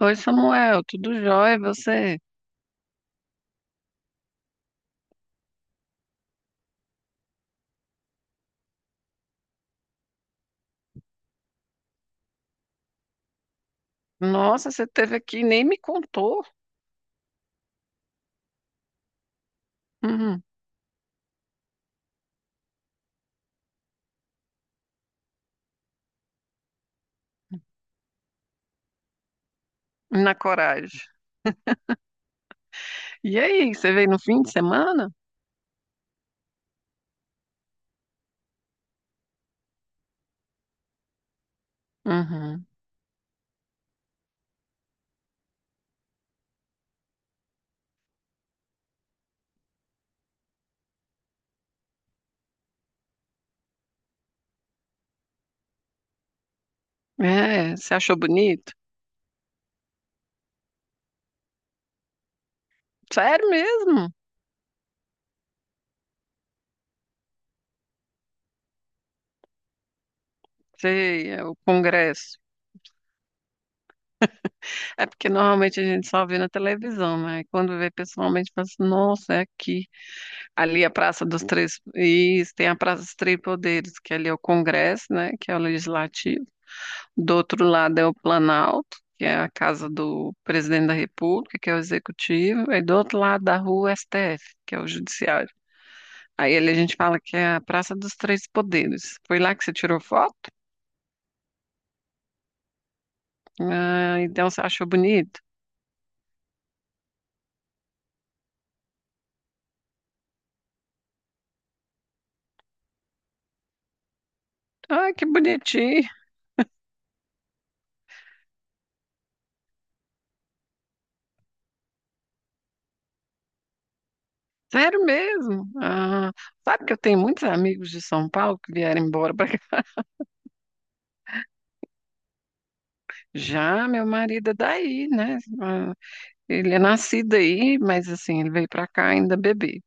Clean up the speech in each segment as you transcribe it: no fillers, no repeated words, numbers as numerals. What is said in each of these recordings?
Oi, Samuel, tudo jóia? E você? Nossa, você teve aqui e nem me contou. Uhum. Na coragem. E aí, você veio no fim de semana? Uhum. É, você achou bonito? Sério mesmo? Sei, é o congresso. É porque normalmente a gente só vê na televisão, né? E quando vê pessoalmente, fala assim, nossa, é aqui. Ali é a Praça dos Três... Isso, tem a Praça dos Três Poderes, que ali é o congresso, né? Que é o legislativo. Do outro lado é o Planalto, que é a casa do presidente da República, que é o executivo, e do outro lado da rua, o STF, que é o judiciário. Aí ali a gente fala que é a Praça dos Três Poderes. Foi lá que você tirou foto? Ah, então você achou bonito? Ah, que bonitinho. Sério mesmo? Ah, sabe que eu tenho muitos amigos de São Paulo que vieram embora para cá. Já meu marido é daí, né? Ah, ele é nascido aí, mas assim, ele veio para cá ainda bebê.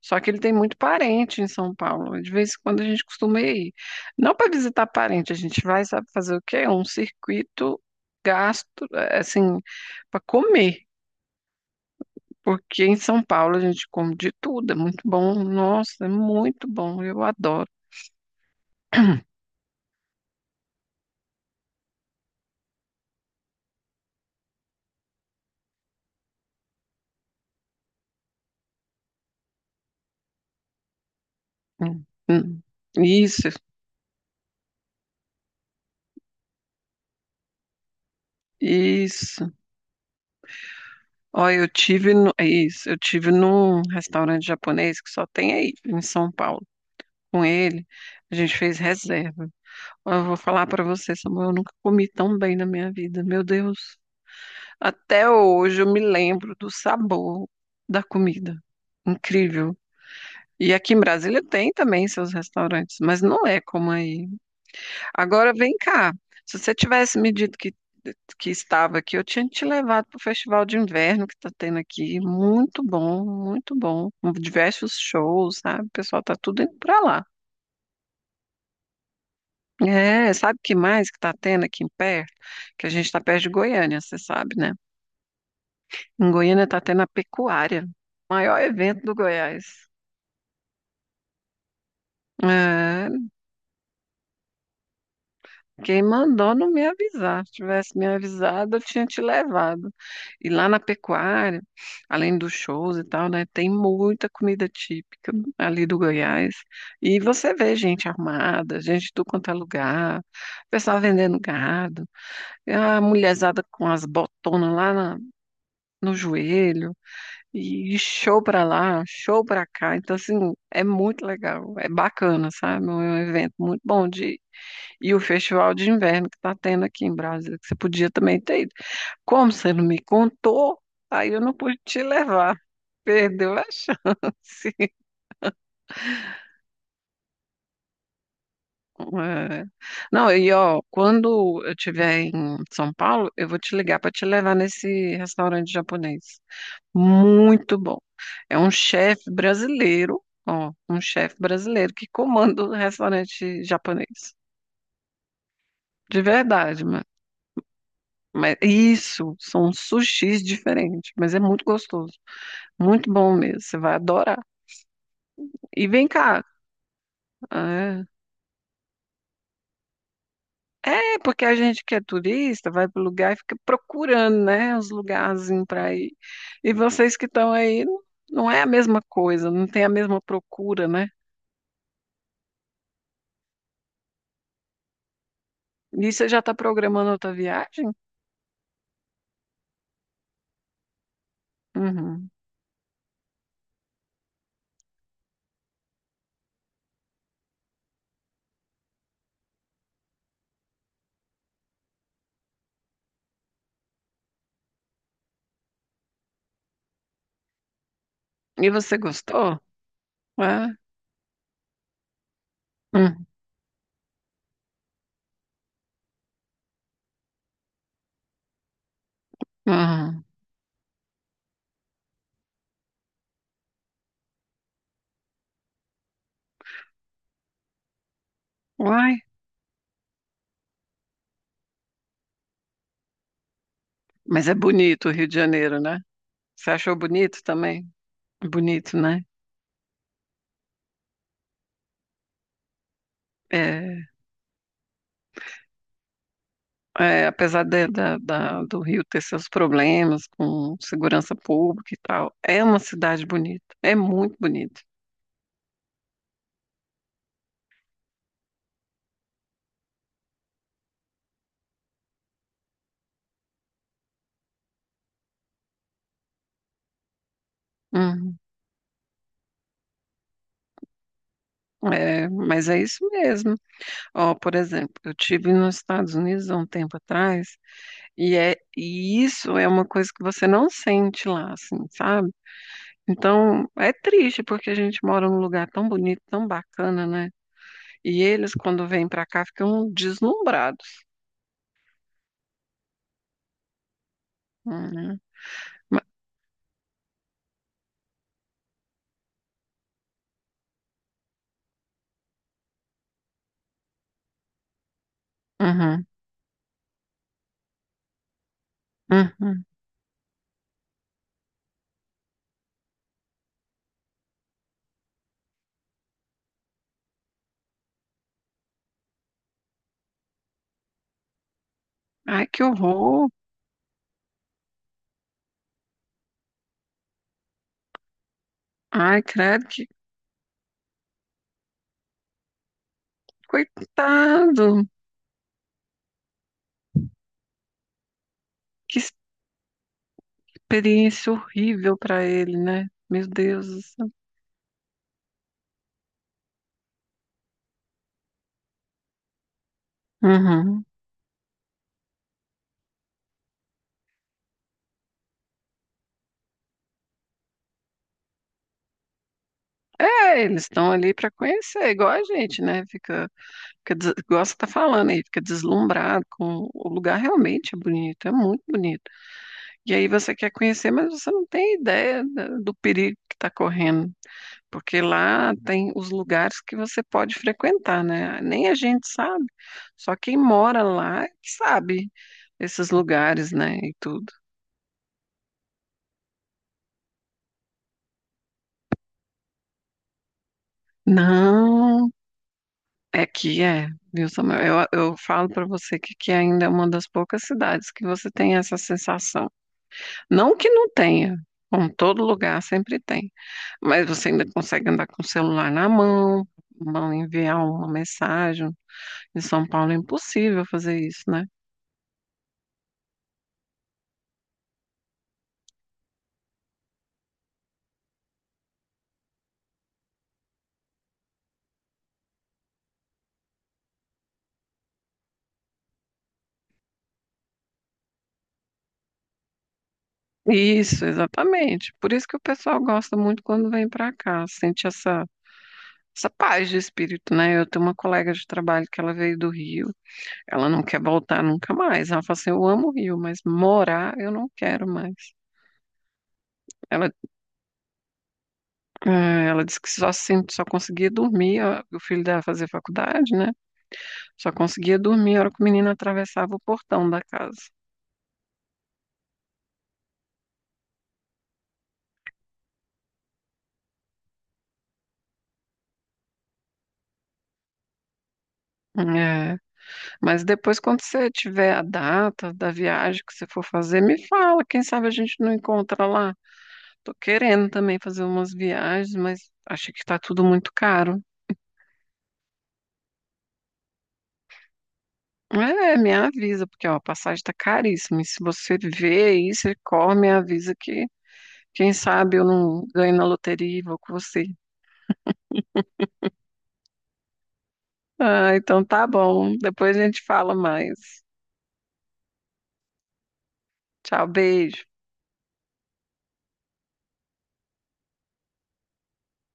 Só que ele tem muito parente em São Paulo. De vez em quando a gente costuma ir. Não para visitar parente, a gente vai, sabe, fazer o quê? Um circuito gasto, assim, para comer. Porque em São Paulo a gente come de tudo. É muito bom. Nossa, é muito bom. Eu adoro. Hum, hum. Isso, isso. Olha, eu tive no, é isso, eu tive num restaurante japonês que só tem aí em São Paulo. Com ele, a gente fez reserva. Eu vou falar pra você, Samuel, eu nunca comi tão bem na minha vida, meu Deus. Até hoje eu me lembro do sabor da comida. Incrível. E aqui em Brasília tem também seus restaurantes, mas não é como aí. Agora vem cá. Se você tivesse me dito que estava aqui, eu tinha te levado para o festival de inverno que está tendo aqui. Muito bom, muito bom. Com diversos shows, sabe? O pessoal tá tudo indo para lá. É, sabe o que mais que está tendo aqui em perto? Que a gente está perto de Goiânia, você sabe, né? Em Goiânia está tendo a pecuária, maior evento do Goiás. É, quem mandou não me avisar. Se tivesse me avisado, eu tinha te levado. E lá na pecuária, além dos shows e tal, né, tem muita comida típica ali do Goiás. E você vê gente armada, gente de tudo quanto é lugar, pessoal vendendo gado, e a mulherzada com as botonas lá na, no joelho, e show pra lá, show pra cá. Então, assim, é muito legal, é bacana, sabe? É um evento muito bom de ir. E o festival de inverno que tá tendo aqui em Brasília, que você podia também ter ido. Como você não me contou, aí eu não pude te levar. Perdeu a chance. É. Não, e ó, quando eu estiver em São Paulo, eu vou te ligar para te levar nesse restaurante japonês. Muito bom. É um chefe brasileiro, ó, um chefe brasileiro que comanda o restaurante japonês. De verdade, mano. Mas isso, são sushis diferentes, mas é muito gostoso. Muito bom mesmo, você vai adorar. E vem cá. É, é porque a gente que é turista vai pro lugar e fica procurando, né, os lugarzinhos para ir. E vocês que estão aí, não é a mesma coisa, não tem a mesma procura, né? E você já está programando outra viagem? Uhum. E você gostou? É? Hum, hum. Uai, mas é bonito o Rio de Janeiro, né? Você achou bonito também? Bonito, né? É, é, apesar do Rio ter seus problemas com segurança pública e tal, é uma cidade bonita, é muito bonita. Uhum. É, mas é isso mesmo. Ó, por exemplo, eu tive nos Estados Unidos há um tempo atrás e isso é uma coisa que você não sente lá, assim, sabe? Então, é triste porque a gente mora num lugar tão bonito, tão bacana, né? E eles, quando vêm pra cá, ficam deslumbrados. Uhum. Ma- uhum, uhum. Ai, que horror! Ai, credo, que coitado! Que experiência horrível pra ele, né? Meu Deus do céu. Uhum. É, eles estão ali pra conhecer, igual a gente, né? Fica, igual você tá falando aí, fica deslumbrado com o lugar realmente é bonito, é muito bonito. E aí você quer conhecer, mas você não tem ideia do perigo que está correndo, porque lá tem os lugares que você pode frequentar, né? Nem a gente sabe, só quem mora lá é que sabe esses lugares, né? E tudo. Não, é que é, viu, Samuel? Eu falo para você que aqui ainda é uma das poucas cidades que você tem essa sensação. Não que não tenha, como todo lugar sempre tem. Mas você ainda consegue andar com o celular na mão, mão enviar uma mensagem. Em São Paulo é impossível fazer isso, né? Isso, exatamente. Por isso que o pessoal gosta muito quando vem para cá, sente essa paz de espírito, né? Eu tenho uma colega de trabalho que ela veio do Rio, ela não quer voltar nunca mais. Ela fala assim: eu amo o Rio, mas morar eu não quero mais. Ela, ela disse que só, assim, só conseguia dormir, ó, o filho dela fazer faculdade, né? Só conseguia dormir a hora que o menino atravessava o portão da casa. É, mas depois, quando você tiver a data da viagem que você for fazer, me fala. Quem sabe a gente não encontra lá. Tô querendo também fazer umas viagens, mas acho que tá tudo muito caro. É, me avisa, porque ó, a passagem tá caríssima. E se você vê isso, você corre, me avisa que quem sabe eu não ganho na loteria e vou com você. Ah, então tá bom. Depois a gente fala mais. Tchau, beijo.